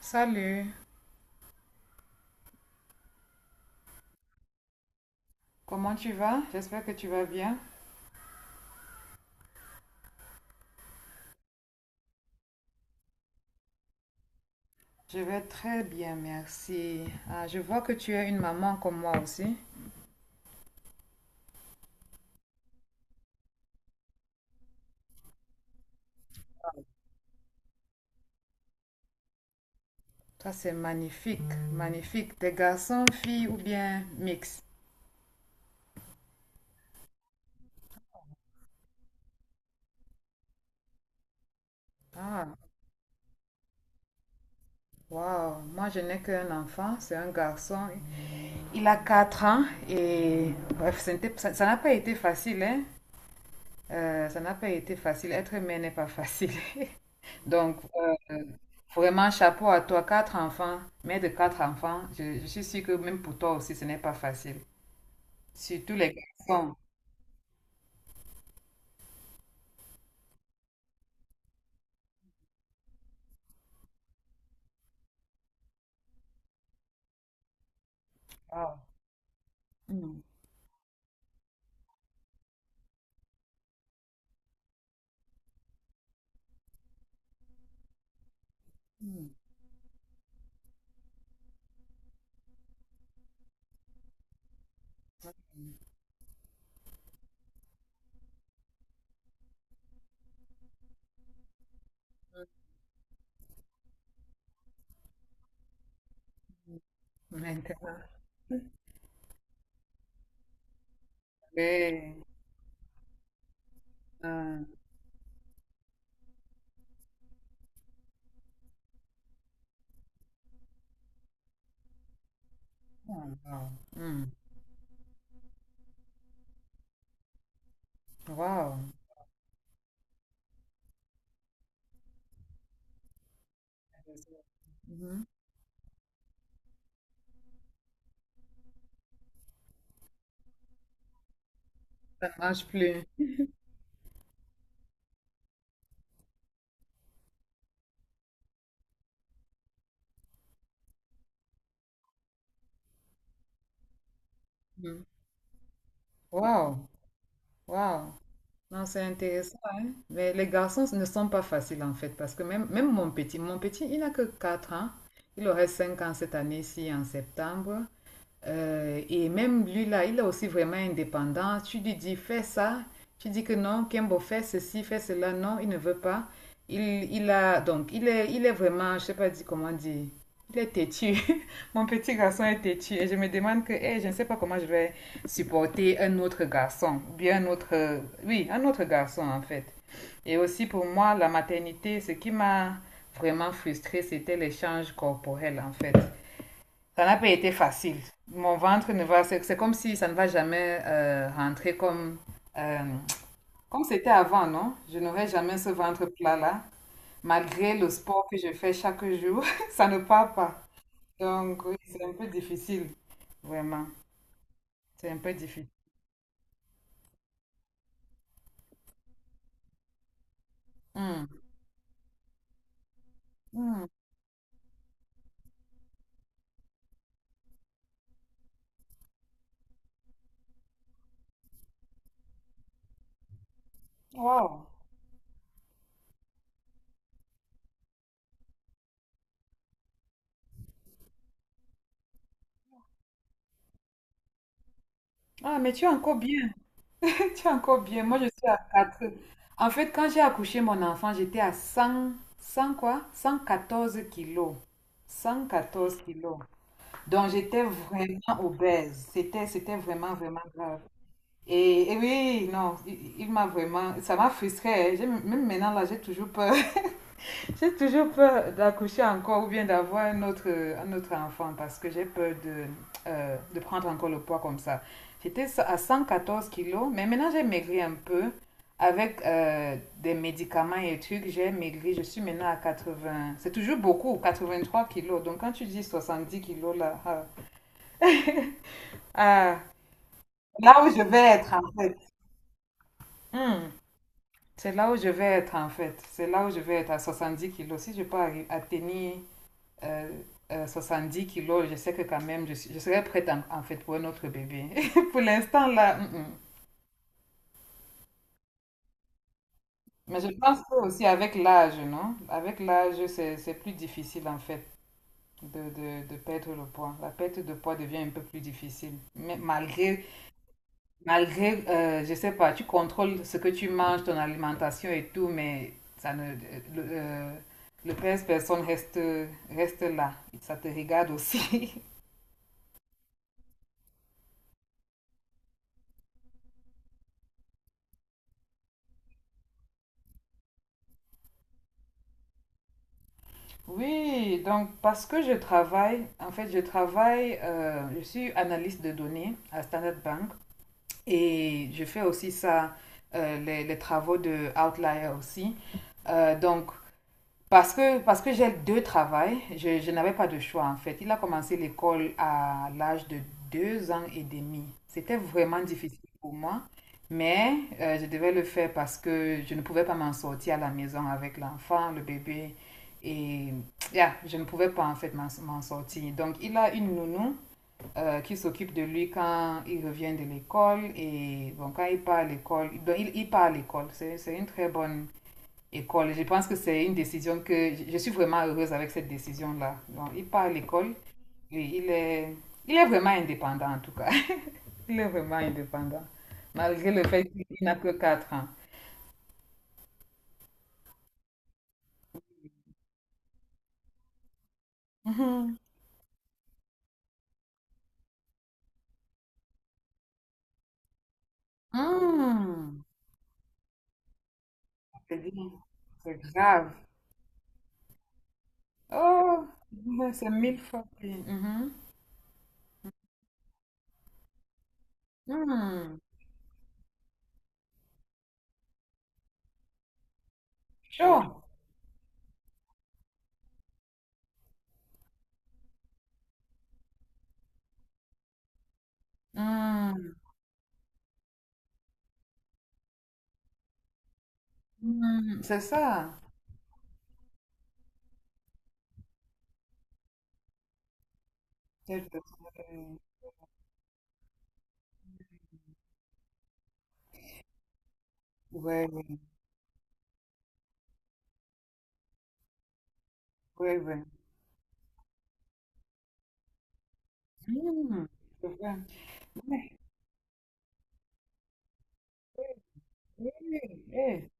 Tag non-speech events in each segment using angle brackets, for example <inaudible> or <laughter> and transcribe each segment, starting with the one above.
Salut. Comment tu vas? J'espère que tu vas bien. Je vais très bien, merci. Ah, je vois que tu es une maman comme moi aussi. Toi, c'est magnifique, magnifique. Des garçons, filles ou bien mix? Ah, waouh. Moi, je n'ai qu'un enfant, c'est un garçon. Il a 4 ans et bref, ce ça ça n'a pas été facile, hein? Ça n'a pas été facile. Être mère n'est pas facile. <laughs> Donc, euh, vraiment, chapeau à toi, quatre enfants, mère de quatre enfants. Je suis sûre que même pour toi aussi, ce n'est pas facile. Surtout les garçons. Wow. Mm. Maintenant, ouais. Euh, oh, wow. Mm. Wow. Mhm. Ça ne marche plus. Mm. Wow. Wow. Non, c'est intéressant, hein. Mais les garçons ne sont pas faciles en fait, parce que même mon petit, il n'a que 4 ans. Il aurait 5 ans cette année-ci en septembre. Et même lui, là, il est aussi vraiment indépendant. Tu lui dis, fais ça. Tu dis que non, Kembo, fais ceci, fais cela. Non, il ne veut pas. Il, donc, il est vraiment, je sais pas dit, comment dire, il est têtu. <laughs> Mon petit garçon est têtu. Et je me demande que, je ne sais pas comment je vais supporter un autre garçon. Ou bien un autre, oui, un autre garçon, en fait. Et aussi, pour moi, la maternité, ce qui m'a vraiment frustrée, c'était l'échange corporel, en fait. Ça n'a pas été facile. Mon ventre ne va, c'est comme si ça ne va jamais rentrer euh, comme c'était avant, non? Je n'aurai jamais ce ventre plat-là. Malgré le sport que je fais chaque jour, <laughs> ça ne part pas. Donc oui, c'est un peu difficile, vraiment. C'est un peu difficile. Hmm. Hmm. Wow. Ah, mais tu es encore bien. <laughs> Tu es encore bien. Moi, je suis à 4. En fait, quand j'ai accouché mon enfant, j'étais à 100 100 quoi? 114 kilos. 114 kilos. Donc j'étais vraiment obèse. C'était vraiment, vraiment grave. Et oui, non, il m'a vraiment, ça m'a frustrée. Hein. Même maintenant, là, j'ai toujours peur. <laughs> J'ai toujours peur d'accoucher encore ou bien d'avoir un autre enfant parce que j'ai peur de prendre encore le poids comme ça. J'étais à 114 kilos, mais maintenant j'ai maigri un peu. Avec des médicaments et trucs, j'ai maigri. Je suis maintenant à 80. C'est toujours beaucoup, 83 kilos. Donc quand tu dis 70 kilos, là, ah, ah, là où je vais être en fait. Hmm. C'est là où je vais être en fait. C'est là où je vais être à 70 kilos. Si je peux atteindre euh, 70 kilos, je sais que quand même, je serai prête en fait pour un autre bébé. <laughs> Pour l'instant là, hum. Mais je pense que aussi avec l'âge, non? Avec l'âge, c'est plus difficile en fait de perdre le poids. La perte de poids devient un peu plus difficile. Mais malgré, je sais pas, tu contrôles ce que tu manges, ton alimentation et tout, mais ça ne, euh, le pèse personne reste là. Ça te regarde aussi. <laughs> Oui, donc parce que je travaille, en fait, je travaille, je suis analyste de données à Standard Bank et je fais aussi ça, les travaux de Outlier aussi. Donc, parce que j'ai deux travails, je n'avais pas de choix en fait. Il a commencé l'école à l'âge de 2 ans et demi. C'était vraiment difficile pour moi, mais je devais le faire parce que je ne pouvais pas m'en sortir à la maison avec l'enfant, le bébé. Et yeah, je ne pouvais pas en fait m'en sortir. Donc il a une nounou qui s'occupe de lui quand il revient de l'école et bon, quand il part à l'école, donc, il part à l'école. C'est une très bonne école. Je pense que c'est une décision que je suis vraiment heureuse avec cette décision-là. Donc, il part à l'école et il est vraiment indépendant en tout cas. <laughs> Il est vraiment indépendant, malgré le fait qu'il n'a que 4 ans. Mhm. Hmm. C'est bien. C'est grave. Oh, ouais, c'est mille fois pire. Mhm. Hmm. Chaud. Hmm. Hmm. C'est ça. Ouais, ouais, ouais. Hmm. C'est vrai. Ouais. Oui, oui,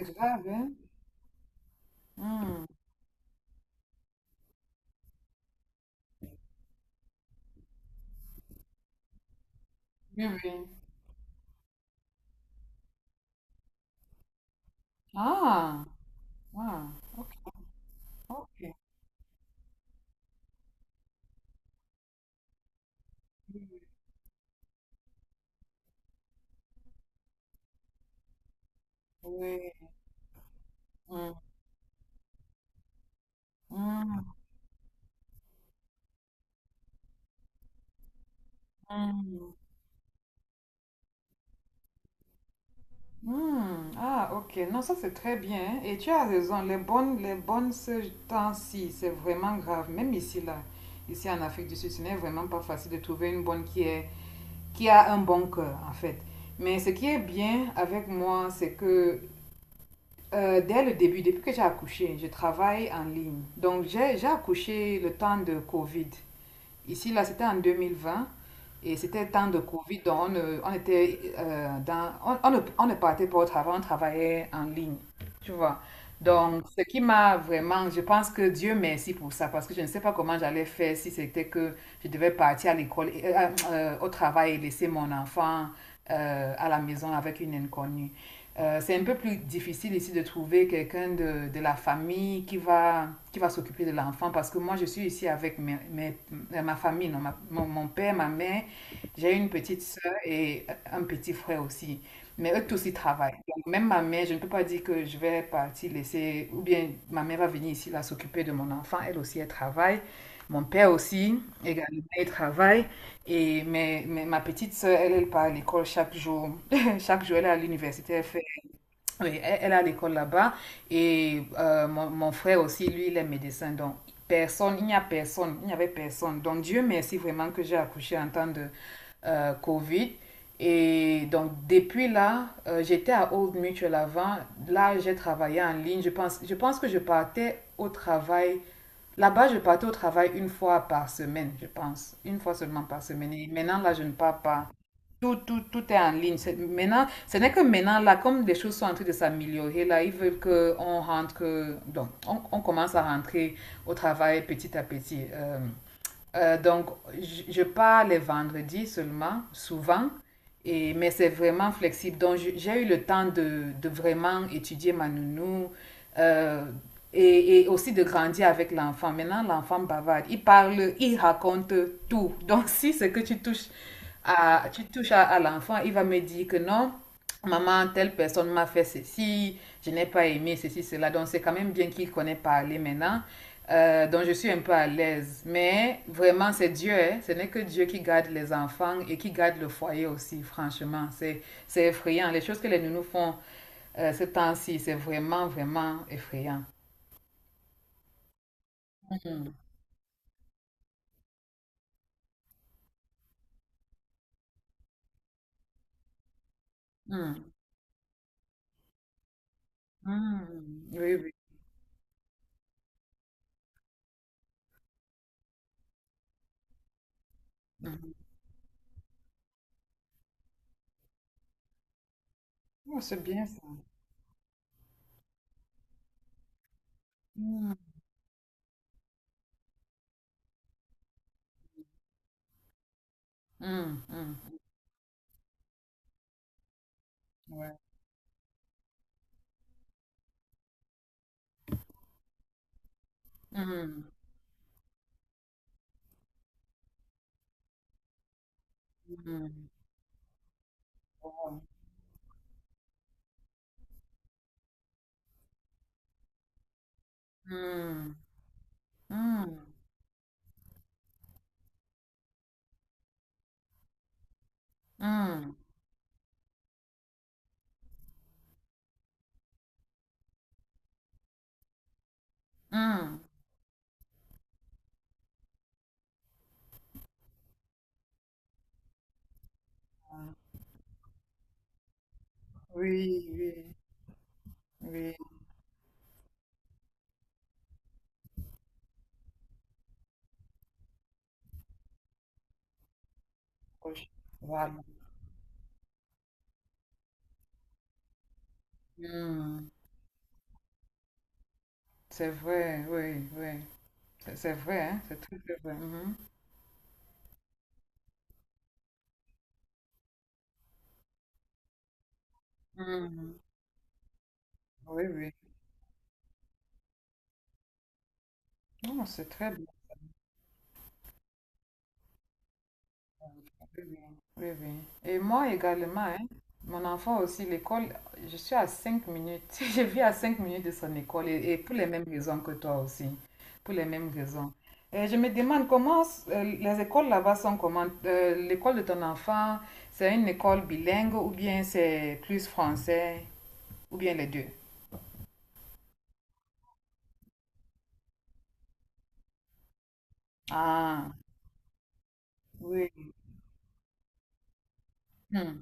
c'est grave, hein? Hmm. Oui, oui. Ah, wow. Ok. Ok. Oui. Hmm. Hmm, hmm, hmm. Ah, ok. Non, ça c'est très bien. Hein. Et tu as raison, les bonnes ce temps-ci, c'est vraiment grave. Même ici, là, ici en Afrique du Sud, ce n'est vraiment pas facile de trouver une bonne qui est, qui a un bon cœur, en fait. Mais ce qui est bien avec moi, c'est que dès le début, depuis que j'ai accouché, je travaille en ligne. Donc, j'ai accouché le temps de Covid. Ici, là, c'était en 2020 et c'était le temps de Covid. Donc, on, ne- on était dans, on ne partait pas au travail, on travaillait en ligne. Tu vois. Donc, ce qui m'a vraiment, je pense que Dieu merci pour ça parce que je ne sais pas comment j'allais faire si c'était que je devais partir à l'école, au travail et laisser mon enfant à la maison avec une inconnue. C'est un peu plus difficile ici de trouver quelqu'un de la famille qui va s'occuper de l'enfant parce que moi je suis ici avec ma famille, non, mon père, ma mère, j'ai une petite soeur et un petit frère aussi. Mais eux tous ils travaillent. Donc, même ma mère, je ne peux pas dire que je vais partir laisser, ou bien ma mère va venir ici là s'occuper de mon enfant, elle aussi elle travaille. Mon père aussi, également, il travaille. Et mais ma petite soeur, elle, elle part à l'école chaque jour. <laughs> Chaque jour, elle est à l'université, elle fait oui, elle est l'école là-bas et mon frère aussi, lui, il est médecin. Donc, personne, il n'y a personne, il n'y avait personne. Donc, Dieu merci vraiment que j'ai accouché en temps de Covid. Et donc, depuis là, j'étais à Old Mutual avant. Là, j'ai travaillé en ligne. Je pense que je partais au travail. Là-bas, je partais au travail une fois par semaine, je pense. Une fois seulement par semaine. Et maintenant, là, je ne pars pas. Tout, tout, tout est en ligne. Maintenant, ce n'est que maintenant, là, comme les choses sont en train de s'améliorer, là, ils veulent qu'on rentre, donc, on commence à rentrer au travail petit à petit. Donc, je pars les vendredis seulement, souvent, et, mais c'est vraiment flexible. Donc, j'ai eu le temps de vraiment étudier ma nounou euh, et aussi de grandir avec l'enfant. Maintenant, l'enfant bavarde. Il parle, il raconte tout. Donc, <laughs> si c'est que tu touches à, à l'enfant, il va me dire que non. Maman, telle personne m'a fait ceci, je n'ai pas aimé ceci, cela. Donc, c'est quand même bien qu'il connaît parler maintenant. Donc, je suis un peu à l'aise. Mais vraiment, c'est Dieu. Hein. Ce n'est que Dieu qui garde les enfants et qui garde le foyer aussi, franchement. C'est effrayant. Les choses que les nounous font ce temps-ci, c'est vraiment, vraiment effrayant. Mm, mm, mm. Oui, oui. Mm. Oh, c'est bien ça. Mm, mm, mm. Ouais. Mm, mm. Wow. Mm, mm. Hmm, hmm. Oui, oui, oui, proche. Vraiment. Hum. C'est vrai, oui, oui. C'est vrai, hein, c'est très, très vrai. Mhm. Hum. Oui, oui. Non, c'est très bien. Oui, oui, oui, oui. Et moi également, hein, mon enfant aussi, l'école, je suis à 5 minutes. <laughs> Je vis à 5 minutes de son école et pour les mêmes raisons que toi aussi. Pour les mêmes raisons. Et je me demande comment les écoles là-bas sont comment? L'école de ton enfant, c'est une école bilingue ou bien c'est plus français ou bien les deux? Ah, oui. Hmm.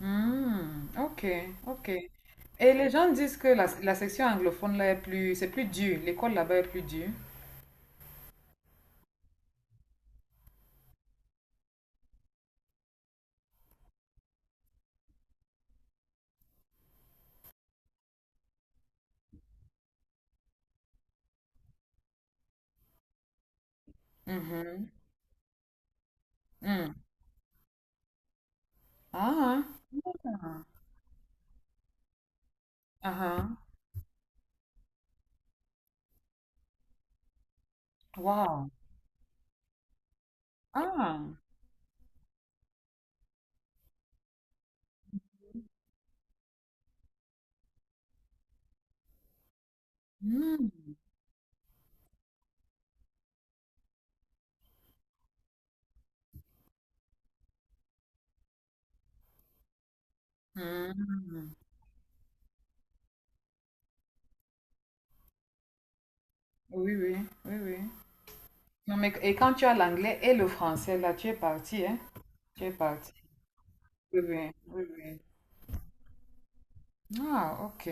Hmm, ok, ok. Et les gens disent que la section anglophone là est plus, c'est plus dur, l'école là-bas est plus dure. Mhm, hmm. Ah, ah, ah, ah. Wow. Ah, hmm, hmm. Oui, oui, oui, oui. Non, mais, et quand tu as l'anglais et le français là, tu es parti, hein? Tu es parti. Oui, oui, oui, oui. Ah, ok.